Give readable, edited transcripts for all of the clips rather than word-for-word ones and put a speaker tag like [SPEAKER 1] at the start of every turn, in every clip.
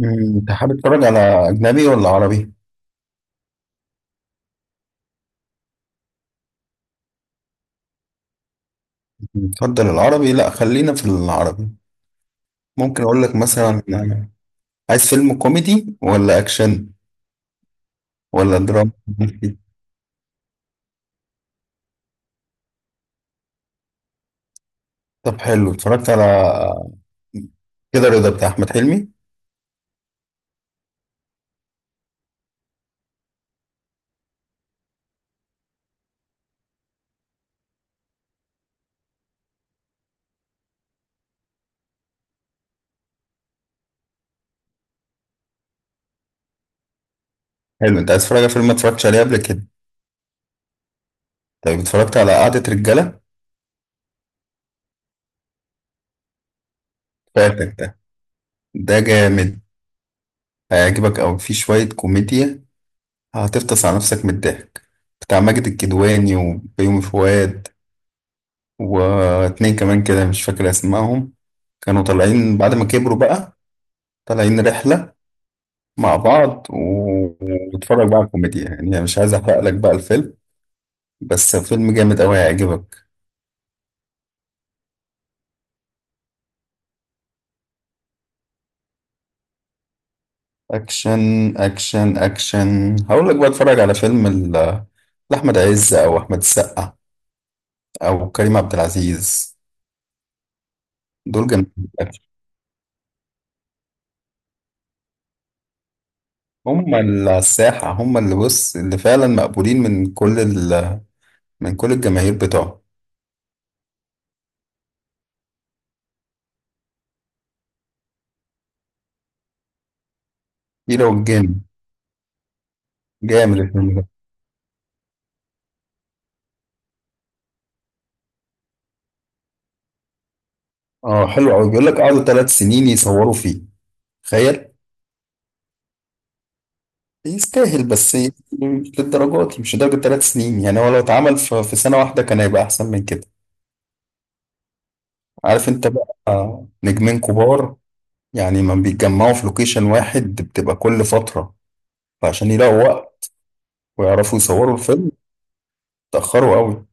[SPEAKER 1] انت حابب تتفرج على اجنبي ولا عربي؟ تفضل العربي، لا خلينا في العربي. ممكن اقول لك مثلا عايز فيلم كوميدي ولا اكشن ولا دراما؟ طب حلو، اتفرجت على كده رضا بتاع احمد حلمي؟ حلو، انت عايز تتفرج على فيلم ما اتفرجتش عليه قبل كده؟ طيب اتفرجت على قعدة رجالة؟ فاتك ده، ده جامد، هيعجبك او فيه شوية كوميديا هتفطس على نفسك من الضحك، بتاع ماجد الكدواني وبيومي فؤاد واتنين كمان كده مش فاكر اسمائهم، كانوا طالعين بعد ما كبروا بقى، طالعين رحلة مع بعض واتفرج بقى على الكوميديا، يعني أنا مش عايز احرق لك بقى الفيلم، بس فيلم جامد قوي هيعجبك. اكشن، اكشن هقول لك بقى اتفرج على فيلم لاحمد عز او احمد السقا او كريم عبد العزيز. دول جامدين في الأكشن. هم اللي على الساحة، هم اللي بص اللي فعلا مقبولين من كل من كل الجماهير بتوعهم. كيرة والجن، جامد الفيلم ده. اه حلو قوي، بيقول لك قعدوا ثلاث سنين يصوروا فيه، تخيل. يستاهل بس إيه؟ مش للدرجات، مش لدرجة ثلاث سنين، يعني هو لو اتعمل في سنة واحدة كان هيبقى أحسن من كده. عارف أنت بقى، نجمين كبار يعني ما بيتجمعوا في لوكيشن واحد، بتبقى كل فترة، فعشان يلاقوا وقت ويعرفوا يصوروا الفيلم اتأخروا قوي.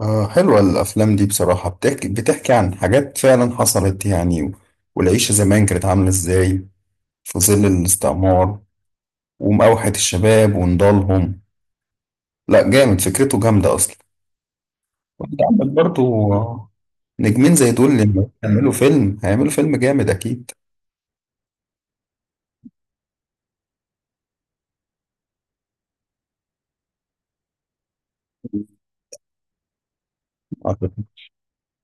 [SPEAKER 1] آه حلوة الأفلام دي بصراحة، بتحكي عن حاجات فعلا حصلت، يعني والعيشة زمان كانت عاملة إزاي في ظل الاستعمار ومأوحة الشباب ونضالهم. لا جامد، فكرته جامدة أصلا. وأنت عندك برضو نجمين زي دول لما يعملوا فيلم هيعملوا فيلم جامد أكيد.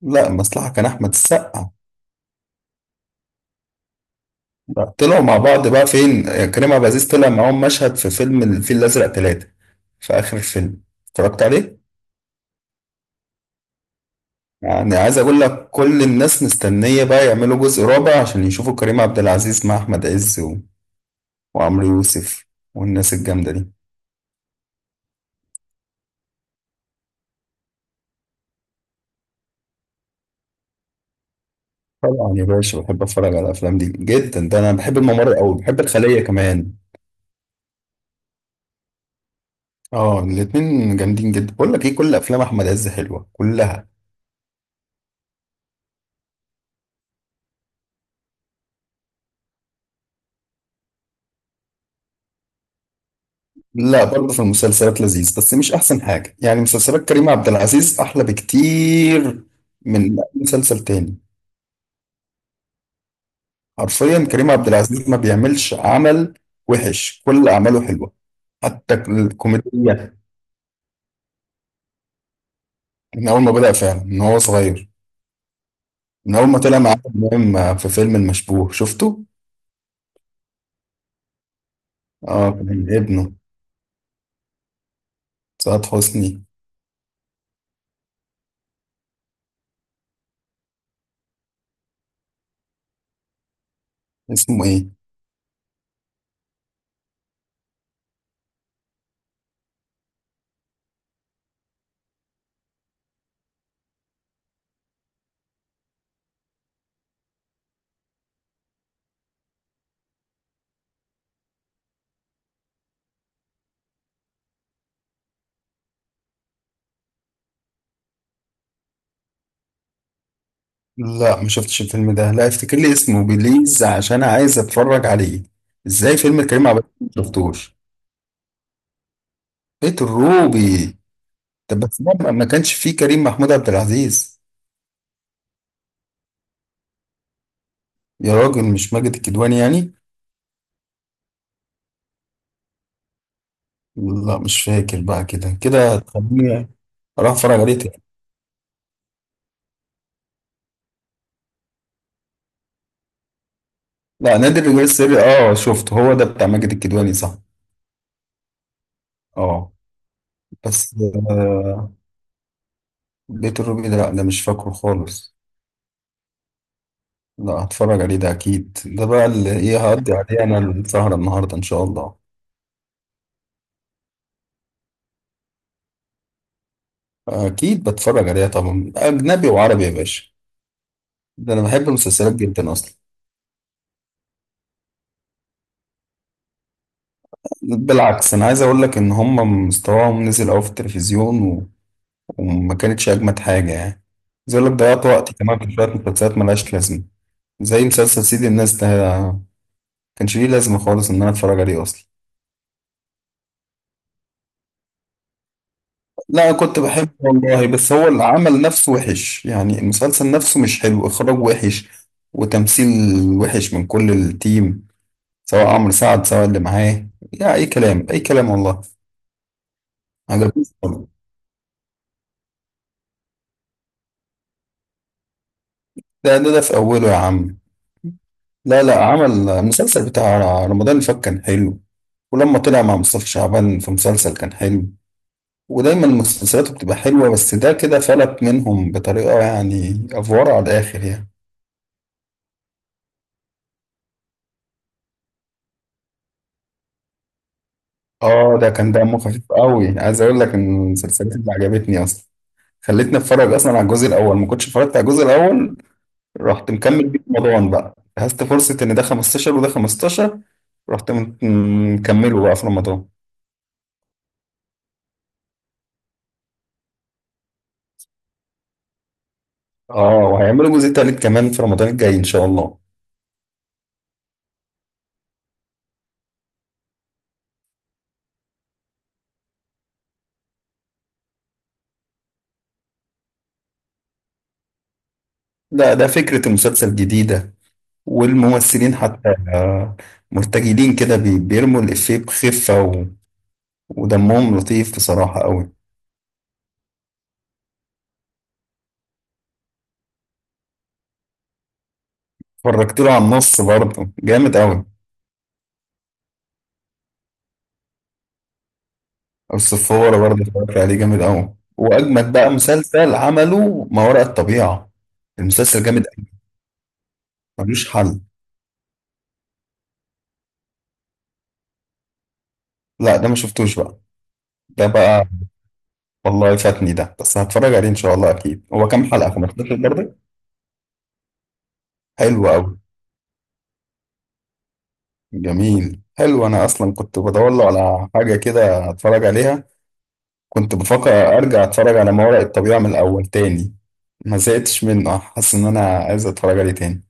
[SPEAKER 1] لا المصلحة كان أحمد السقا. لا، طلعوا مع بعض بقى فين؟ كريم عبد العزيز طلع معاهم مشهد في فيلم الفيل الأزرق ثلاثة، في آخر الفيلم، اتفرجت عليه؟ يعني عايز أقول لك كل الناس مستنية بقى يعملوا جزء رابع عشان يشوفوا كريم عبد العزيز مع أحمد عز وعمرو يوسف والناس الجامدة دي. طبعا يا باشا بحب اتفرج على الافلام دي جدا، ده انا بحب الممر قوي، بحب الخليه كمان. اه الاتنين جامدين جدا، بقول لك ايه، كل افلام احمد عز حلوه كلها. لا برضه في المسلسلات لذيذ بس مش احسن حاجه، يعني مسلسلات كريم عبد العزيز احلى بكتير من أي مسلسل تاني. حرفيا كريم عبد العزيز ما بيعملش عمل وحش، كل اعماله حلوه، حتى الكوميديا. من اول ما بدأ فعلا، من هو صغير، من اول ما طلع مع عادل امام في فيلم المشبوه، شفته؟ اه كان ابنه، سعاد حسني. اسمه ايه؟ لا ما شفتش الفيلم ده، لا افتكر لي اسمه بليز عشان عايز اتفرج عليه، ازاي فيلم كريم عبد العزيز ما شفتوش؟ بيت الروبي. طب بس ده ما كانش فيه كريم محمود عبد العزيز؟ يا راجل مش ماجد الكدواني يعني؟ لا مش فاكر بقى، كده كده هتخليني اروح اتفرج عليه تاني. لا نادي الرجال السري اه شفته، هو ده بتاع ماجد الكدواني صح؟ اه. بس آه، بيت الروبي ده لا ده مش فاكره خالص. لا هتفرج عليه ده اكيد، ده بقى اللي ايه هقضي عليه انا السهرة النهاردة ان شاء الله. اكيد بتفرج عليها طبعا، اجنبي وعربي يا باشا، ده انا بحب المسلسلات جدا اصلا. بالعكس، انا عايز اقول لك ان هم مستواهم نزل قوي في التلفزيون وما كانتش اجمد حاجة يعني. عايز اقول لك ضيعت وقتي كمان في شوية مسلسلات ملهاش لازمة، زي مسلسل سيد الناس ده، كانش ليه لازمة خالص ان انا اتفرج عليه اصلا. لا كنت بحبه والله، بس هو العمل نفسه وحش يعني، المسلسل نفسه مش حلو، إخراج وحش وتمثيل وحش من كل التيم، سواء عمرو سعد سواء اللي معاه، لا أي كلام، أي كلام والله، ما عجبنيش خالص. ده في أوله يا عم. لا لا، عمل المسلسل بتاع رمضان اللي فات كان حلو، ولما طلع مع مصطفى شعبان في مسلسل كان حلو، ودايما مسلسلاته بتبقى حلوة، بس ده كده فلت منهم بطريقة يعني أفوارة على الآخر يعني. اه ده كان دمه خفيف قوي، عايز اقول لك ان من المسلسلات اللي عجبتني اصلا، خلتني اتفرج اصلا على الجزء الاول، ما كنتش اتفرجت على الجزء الاول، رحت مكمل بيه في رمضان بقى، جهزت فرصه ان ده 15 وده 15. رحت مكمله بقى في رمضان. اه وهيعملوا جزء تالت كمان في رمضان الجاي ان شاء الله. لا ده فكره المسلسل جديده والممثلين حتى، آه، مرتجلين كده، بيرموا الافيه بخفه ودمهم لطيف بصراحه قوي. اتفرجت له على النص برضه جامد قوي. الصفارة برضه اتفرجت عليه جامد أوي، وأجمد بقى مسلسل عمله ما وراء الطبيعة، المسلسل جامد أوي، ملوش حل. لا ده ما شفتوش بقى. ده بقى، والله فاتني ده، بس هتفرج عليه إن شاء الله أكيد، هو كام حلقة، 15 برضه؟ حلو أوي، جميل، حلو. أنا أصلا كنت بدور له على حاجة كده أتفرج عليها، كنت بفكر أرجع أتفرج على ما وراء الطبيعة من الأول تاني، ما زهقتش منه، حاسس إن أنا عايز أتفرج عليه تاني.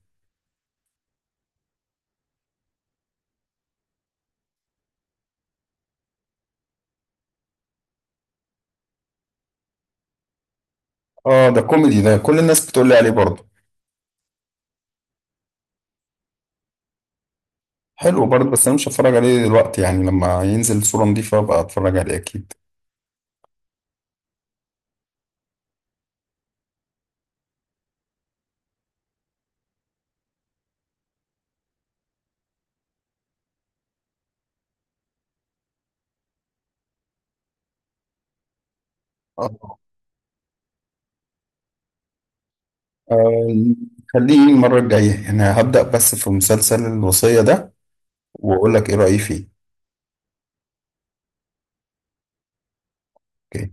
[SPEAKER 1] آه ده كوميدي، ده كل الناس بتقول لي عليه برضه. حلو برضه بس انا مش هتفرج عليه دلوقتي، يعني لما ينزل صورة نضيفة بقى اتفرج عليه اكيد. آه. آه، خليه المرة الجاية، يعني هبدأ بس في مسلسل الوصية ده واقول لك ايه رأيي فيه. أوكي.